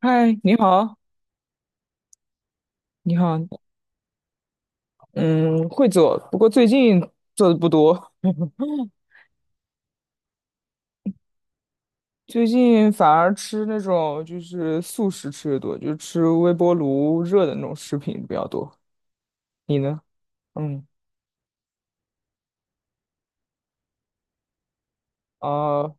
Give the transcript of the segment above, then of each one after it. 嗨，你好，你好，嗯，会做，不过最近做的不多，最近反而吃那种就是速食吃的多，就是吃微波炉热的那种食品比较多。你呢？嗯，啊啊，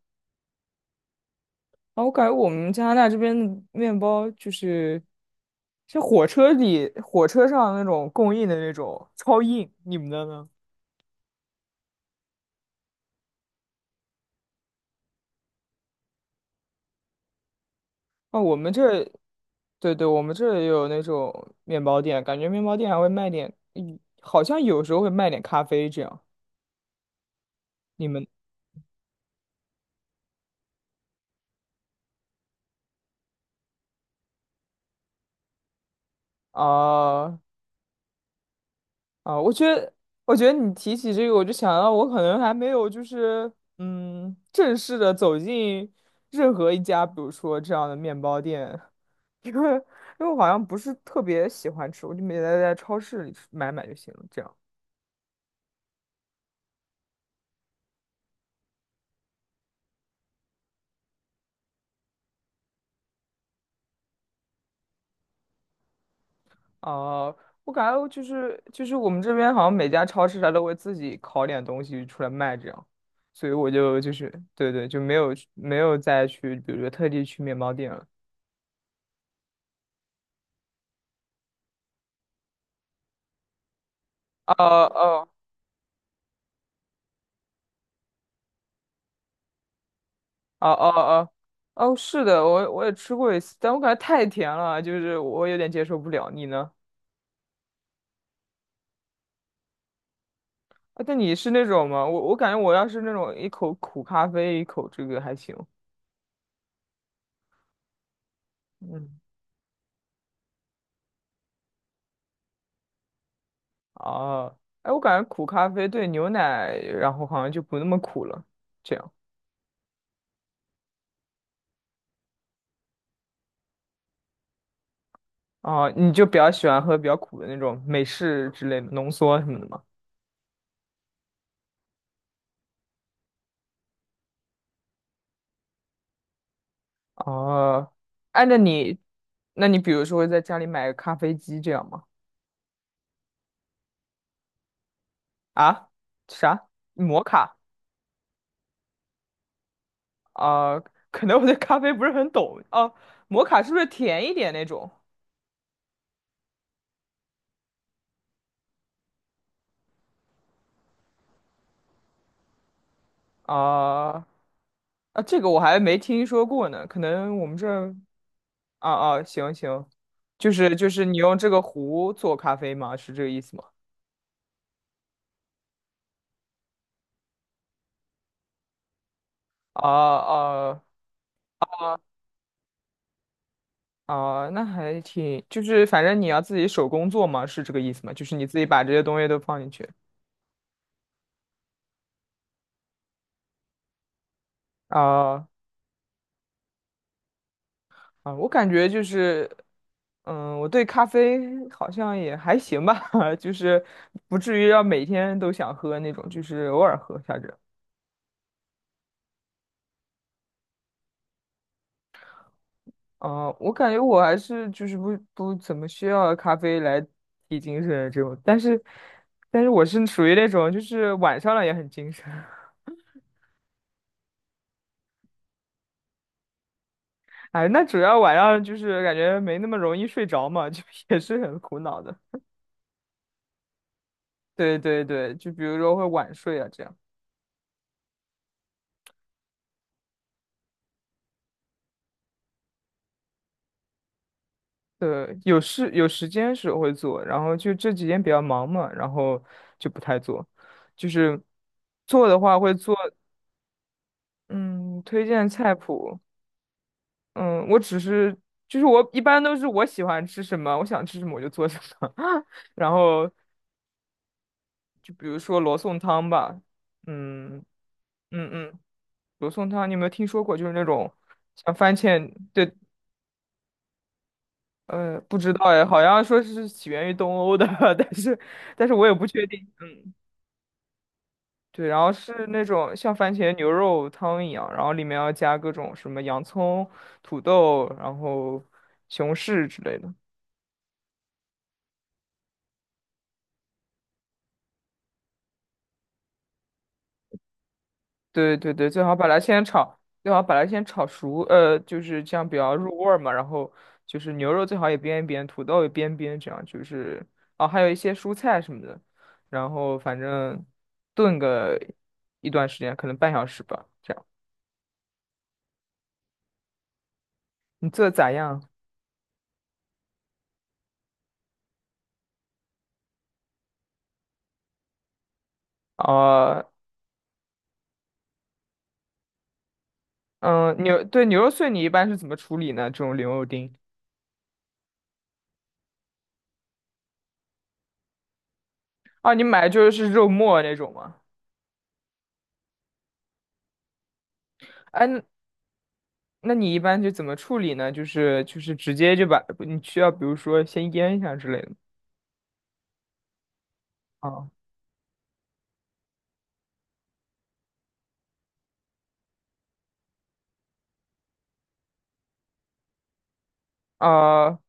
我感觉我们加拿大这边的面包就是，像火车里、火车上那种供应的那种超硬，你们的呢？哦，我们这对对，我们这也有那种面包店，感觉面包店还会卖点，好像有时候会卖点咖啡这样。你们啊啊，我觉得你提起这个，我就想到我可能还没有就是，正式的走进任何一家，比如说这样的面包店，因为因为我好像不是特别喜欢吃，我就每天在超市里买买就行了，这样。哦、我感觉就是我们这边好像每家超市它都会自己烤点东西出来卖，这样，所以我就是对对，就没有再去，比如说特地去面包店了。哦哦哦哦哦哦，是的，我也吃过一次，但我感觉太甜了，就是我有点接受不了。你呢？啊，但你是那种吗？我感觉我要是那种一口苦咖啡，一口这个还行。嗯，哦，哎，我感觉苦咖啡对牛奶，然后好像就不那么苦了。这样。哦，你就比较喜欢喝比较苦的那种美式之类的浓缩什么的吗？哦，哎，那你比如说会在家里买个咖啡机这样吗？啊，啥？摩卡？啊、可能我对咖啡不是很懂哦。摩卡是不是甜一点那种？啊、啊，这个我还没听说过呢，可能我们这儿，啊啊，行行，就是你用这个壶做咖啡吗？是这个意思吗？啊啊哦，那还挺，就是反正你要自己手工做嘛，是这个意思吗？就是你自己把这些东西都放进去。啊啊，我感觉就是，我对咖啡好像也还行吧，就是不至于要每天都想喝那种，就是偶尔喝一下着。啊，我感觉我还是就是不怎么需要咖啡来提精神这种，但是我是属于那种就是晚上了也很精神。哎，那主要晚上就是感觉没那么容易睡着嘛，就也是很苦恼的。对对对，就比如说会晚睡啊，这样。对，有时间时候会做，然后就这几天比较忙嘛，然后就不太做。就是做的话会做，嗯，推荐菜谱，嗯，我只是就是我一般都是我喜欢吃什么，我想吃什么我就做什么，然后就比如说罗宋汤吧，嗯嗯嗯。罗宋汤，你有没有听说过？就是那种像番茄，对，不知道哎，好像说是起源于东欧的，但是但是我也不确定。嗯，对，然后是那种像番茄牛肉汤一样，然后里面要加各种什么洋葱、土豆，然后西红柿之类的。对对对，最好把它先炒熟，就是这样比较入味儿嘛。然后就是牛肉最好也煸一煸，土豆也煸一煸，这样就是哦，还有一些蔬菜什么的。然后反正炖个一段时间，可能半小时吧。这样你做的咋样？哦、嗯，对，牛肉碎你一般是怎么处理呢？这种牛肉丁啊，你买就是肉末那种吗？哎，那你一般就怎么处理呢？就是直接就把你需要，比如说先腌一下之类的。哦，呃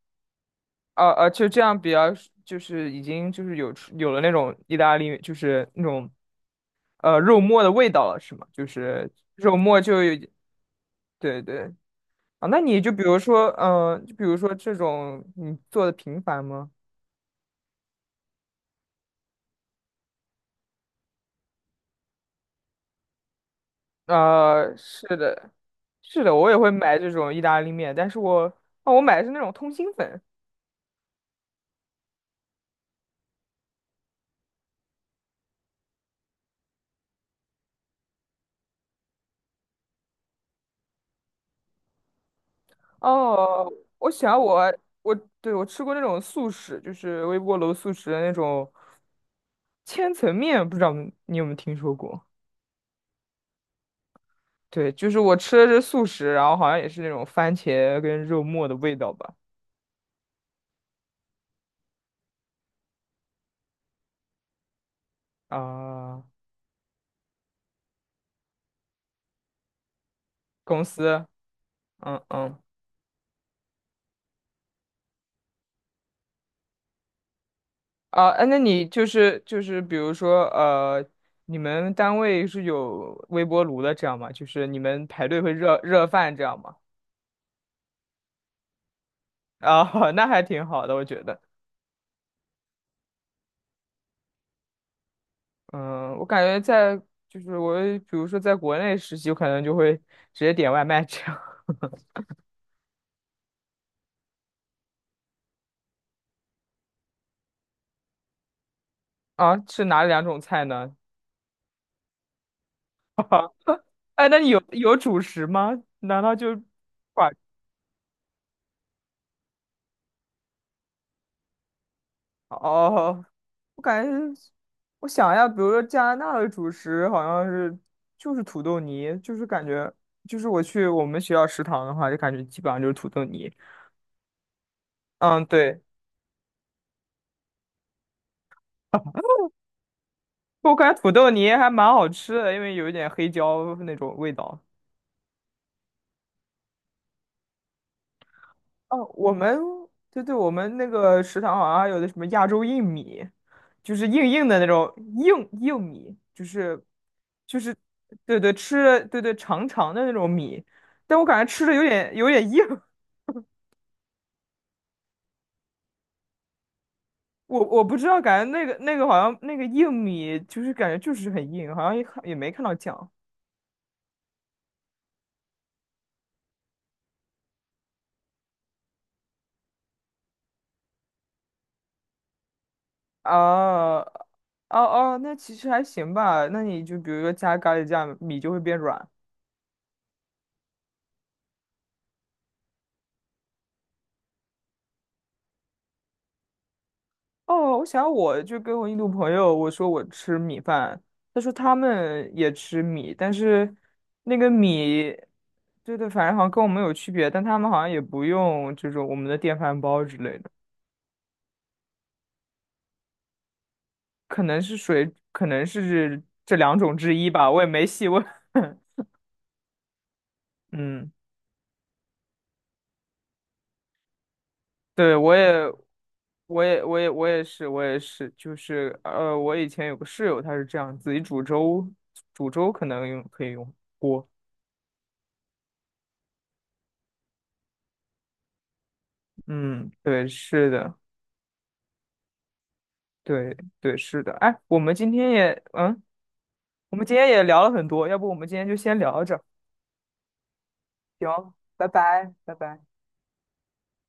就这样比较，就是已经就是有了那种意大利，就是那种肉末的味道了，是吗？就是肉末就有，对对啊，那你就比如说这种你做的频繁吗？是的，是的，我也会买这种意大利面，但是我哦，我买的是那种通心粉。哦，我想我我对我吃过那种速食，就是微波炉速食的那种。千层面不知道你有没有听说过？对，就是我吃的是素食，然后好像也是那种番茄跟肉末的味道吧。啊、公司，嗯嗯，啊、哎那你就是，比如说你们单位是有微波炉的这样吗？就是你们排队会热热饭这样吗？啊、那还挺好的，我觉得。嗯，我感觉在就是我比如说在国内实习，我可能就会直接点外卖这样。啊，是哪两种菜呢？哎，那你有主食吗？难道就 q 哦，我感觉，我想一下，比如说加拿大的主食好像是就是土豆泥，就是感觉就是我去我们学校食堂的话，就感觉基本上就是土豆泥。嗯，对，我感觉土豆泥还蛮好吃的，因为有一点黑椒那种味道。哦，我们对对，我们那个食堂好像还有的什么亚洲硬米，就是硬硬的那种硬硬米，就是。就是对对吃的对对长长的那种米，但我感觉吃的有点硬，我不知道，感觉那个好像那个硬米就是感觉就是很硬，好像也没看到酱啊哦哦，那其实还行吧，那你就比如说加咖喱酱，米就会变软哦，我想我就跟我印度朋友我说我吃米饭，他说他们也吃米，但是那个米，对对，反正好像跟我们有区别，但他们好像也不用这种我们的电饭煲之类的，可能是水，可能是这两种之一吧，我也没细问。嗯，对，我也是，就是我以前有个室友，他是这样自己煮粥，煮粥可能可以用锅。嗯，对，是的。对对，是的。哎，我们今天也聊了很多，要不我们今天就先聊着，行，拜拜，拜拜。